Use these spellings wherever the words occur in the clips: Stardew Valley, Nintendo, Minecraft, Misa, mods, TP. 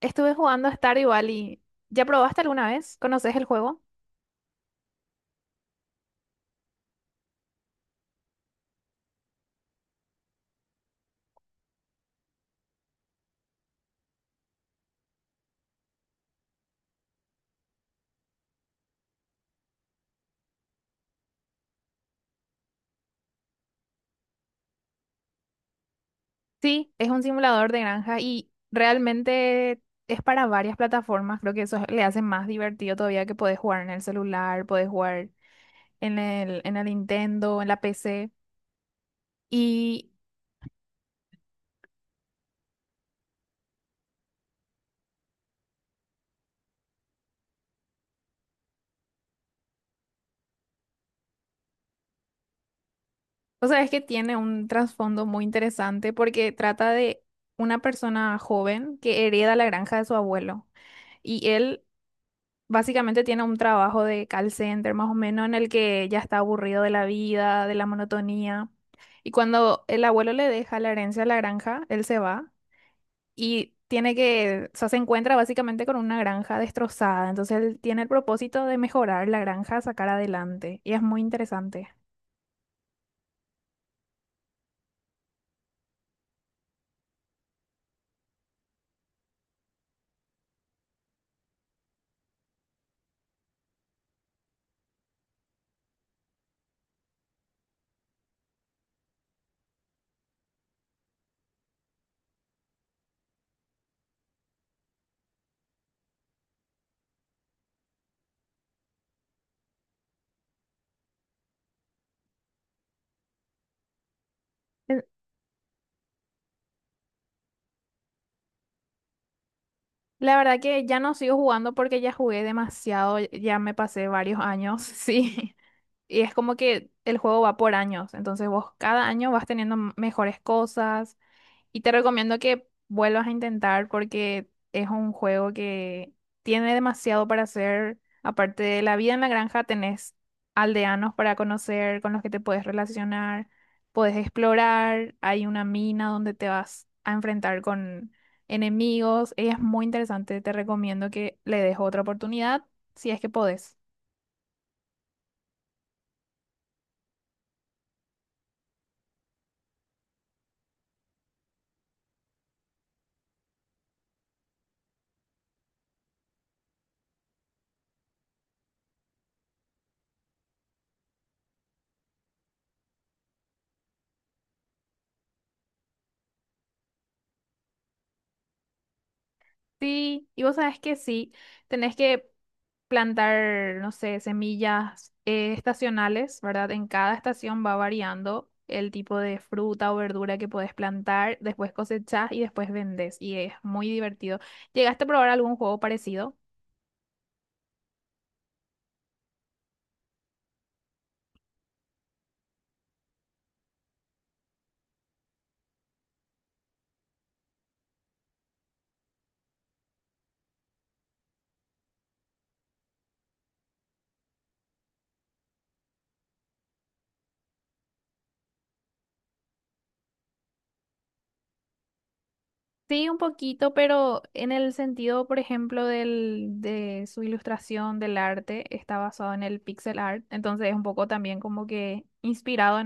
Estuve jugando a Stardew Valley. ¿Ya probaste alguna vez? ¿Conoces el juego? Sí, es un simulador de granja y realmente es para varias plataformas. Creo que eso le hace más divertido todavía que podés jugar en el celular, podés jugar en el Nintendo, en la PC. Y, o sea, es que tiene un trasfondo muy interesante porque trata de una persona joven que hereda la granja de su abuelo. Y él básicamente tiene un trabajo de call center, más o menos, en el que ya está aburrido de la vida, de la monotonía. Y cuando el abuelo le deja la herencia a la granja, él se va y tiene que, o sea, se encuentra básicamente con una granja destrozada. Entonces él tiene el propósito de mejorar la granja, sacar adelante. Y es muy interesante. La verdad que ya no sigo jugando porque ya jugué demasiado, ya me pasé varios años, sí. Y es como que el juego va por años, entonces vos cada año vas teniendo mejores cosas, y te recomiendo que vuelvas a intentar porque es un juego que tiene demasiado para hacer. Aparte de la vida en la granja, tenés aldeanos para conocer, con los que te puedes relacionar, puedes explorar, hay una mina donde te vas a enfrentar con enemigos. Es muy interesante, te recomiendo que le des otra oportunidad si es que podés. Sí, y vos sabés que sí, tenés que plantar, no sé, semillas estacionales, ¿verdad? En cada estación va variando el tipo de fruta o verdura que podés plantar, después cosechás y después vendés, y es muy divertido. ¿Llegaste a probar algún juego parecido? Sí, un poquito, pero en el sentido, por ejemplo, del, de su ilustración del arte, está basado en el pixel art, entonces es un poco también como que inspirado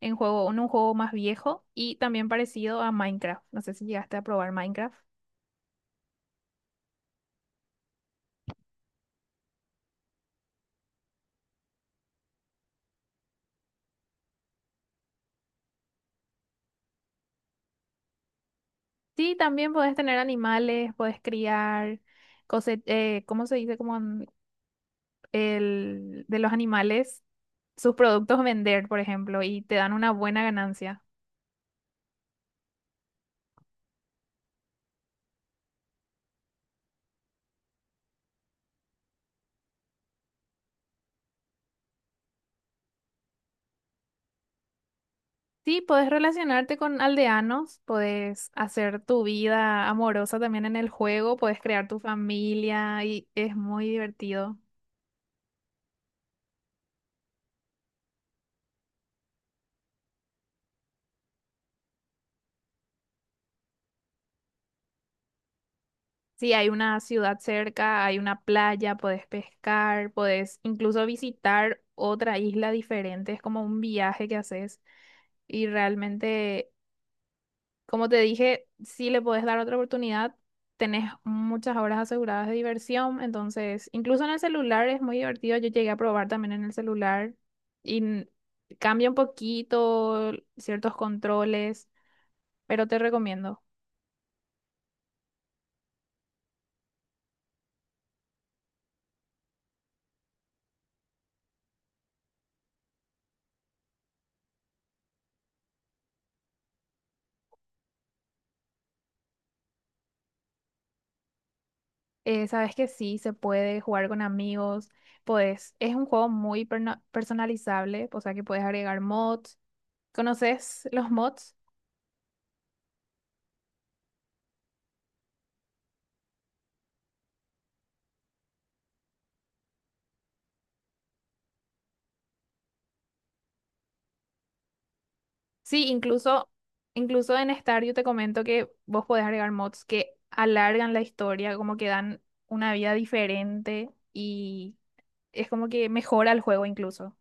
en juego, en un juego más viejo y también parecido a Minecraft. No sé si llegaste a probar Minecraft. Sí, también podés tener animales, podés criar, ¿cómo se dice? Como en el, de los animales, sus productos vender, por ejemplo, y te dan una buena ganancia. Sí, podés relacionarte con aldeanos, podés hacer tu vida amorosa también en el juego, podés crear tu familia y es muy divertido. Sí, hay una ciudad cerca, hay una playa, podés pescar, podés incluso visitar otra isla diferente, es como un viaje que haces y realmente, como te dije, si le podés dar otra oportunidad, tenés muchas horas aseguradas de diversión, entonces incluso en el celular es muy divertido, yo llegué a probar también en el celular y n- cambia un poquito ciertos controles, pero te recomiendo. Sabes que sí, se puede jugar con amigos, pues es un juego muy personalizable, o sea que puedes agregar mods. ¿Conoces los mods? Sí, incluso en Stario te comento que vos podés agregar mods que alargan la historia, como que dan una vida diferente y es como que mejora el juego incluso.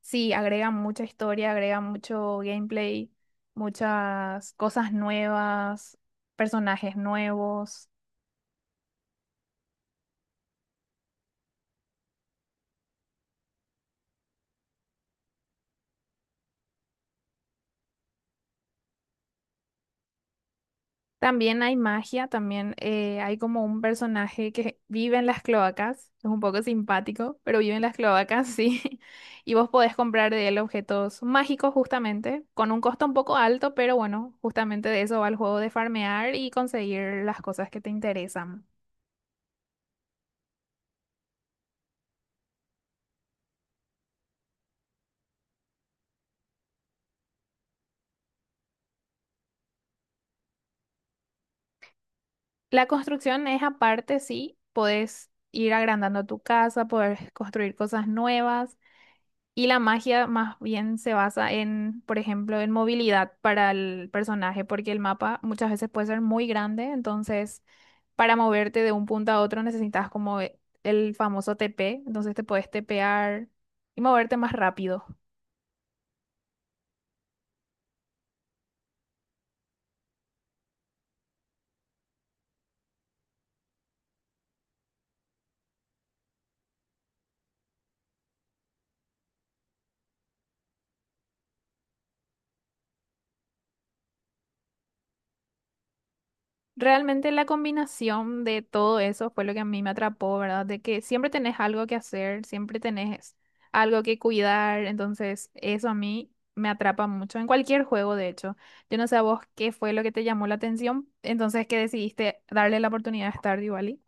Sí, agrega mucha historia, agrega mucho gameplay, muchas cosas nuevas, personajes nuevos. También hay magia, también hay como un personaje que vive en las cloacas, es un poco simpático, pero vive en las cloacas, sí. Y vos podés comprar de él objetos mágicos justamente, con un costo un poco alto, pero bueno, justamente de eso va el juego de farmear y conseguir las cosas que te interesan. La construcción es aparte, sí, podés ir agrandando tu casa, podés construir cosas nuevas. Y la magia más bien se basa en, por ejemplo, en movilidad para el personaje, porque el mapa muchas veces puede ser muy grande, entonces para moverte de un punto a otro necesitas como el famoso TP, entonces te puedes tepear y moverte más rápido. Realmente la combinación de todo eso fue lo que a mí me atrapó, ¿verdad? De que siempre tenés algo que hacer, siempre tenés algo que cuidar, entonces eso a mí me atrapa mucho en cualquier juego, de hecho. Yo no sé a vos qué fue lo que te llamó la atención, entonces que decidiste darle la oportunidad a Stardew Valley.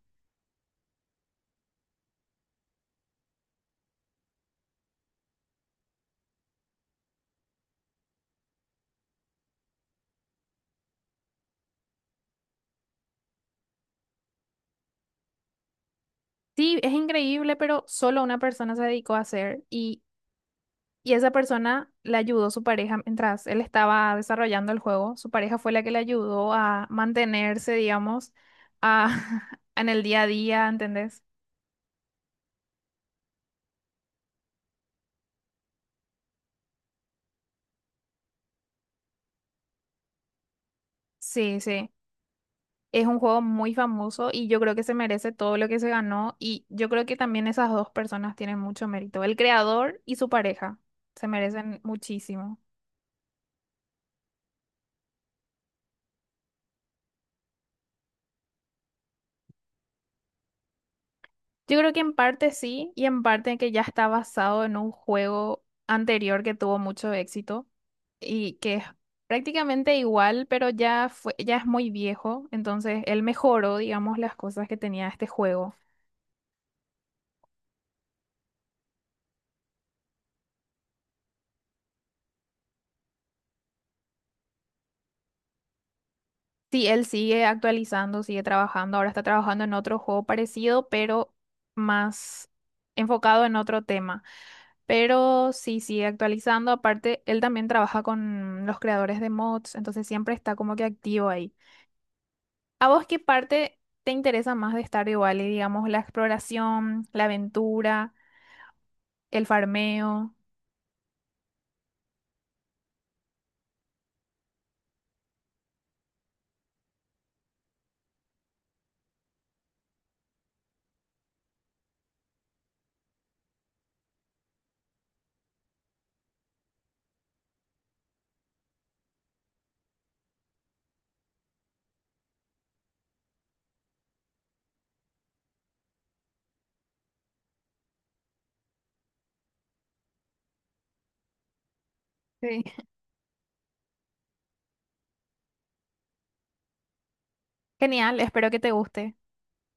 Sí, es increíble, pero solo una persona se dedicó a hacer y Y esa persona le ayudó su pareja mientras él estaba desarrollando el juego. Su pareja fue la que le ayudó a mantenerse, digamos, a, en el día a día, ¿entendés? Sí, sí. Es un juego muy famoso y yo creo que se merece todo lo que se ganó. Y yo creo que también esas dos personas tienen mucho mérito. El creador y su pareja se merecen muchísimo. Yo creo que en parte sí y en parte que ya está basado en un juego anterior que tuvo mucho éxito, y que es prácticamente igual, pero ya fue, ya es muy viejo, entonces él mejoró, digamos, las cosas que tenía este juego. Sí, él sigue actualizando, sigue trabajando, ahora está trabajando en otro juego parecido, pero más enfocado en otro tema. Pero sí, sigue actualizando, aparte, él también trabaja con los creadores de mods, entonces siempre está como que activo ahí. ¿A vos qué parte te interesa más de Stardew Valley? Digamos, la exploración, la aventura, el farmeo. Sí. Genial, espero que te guste.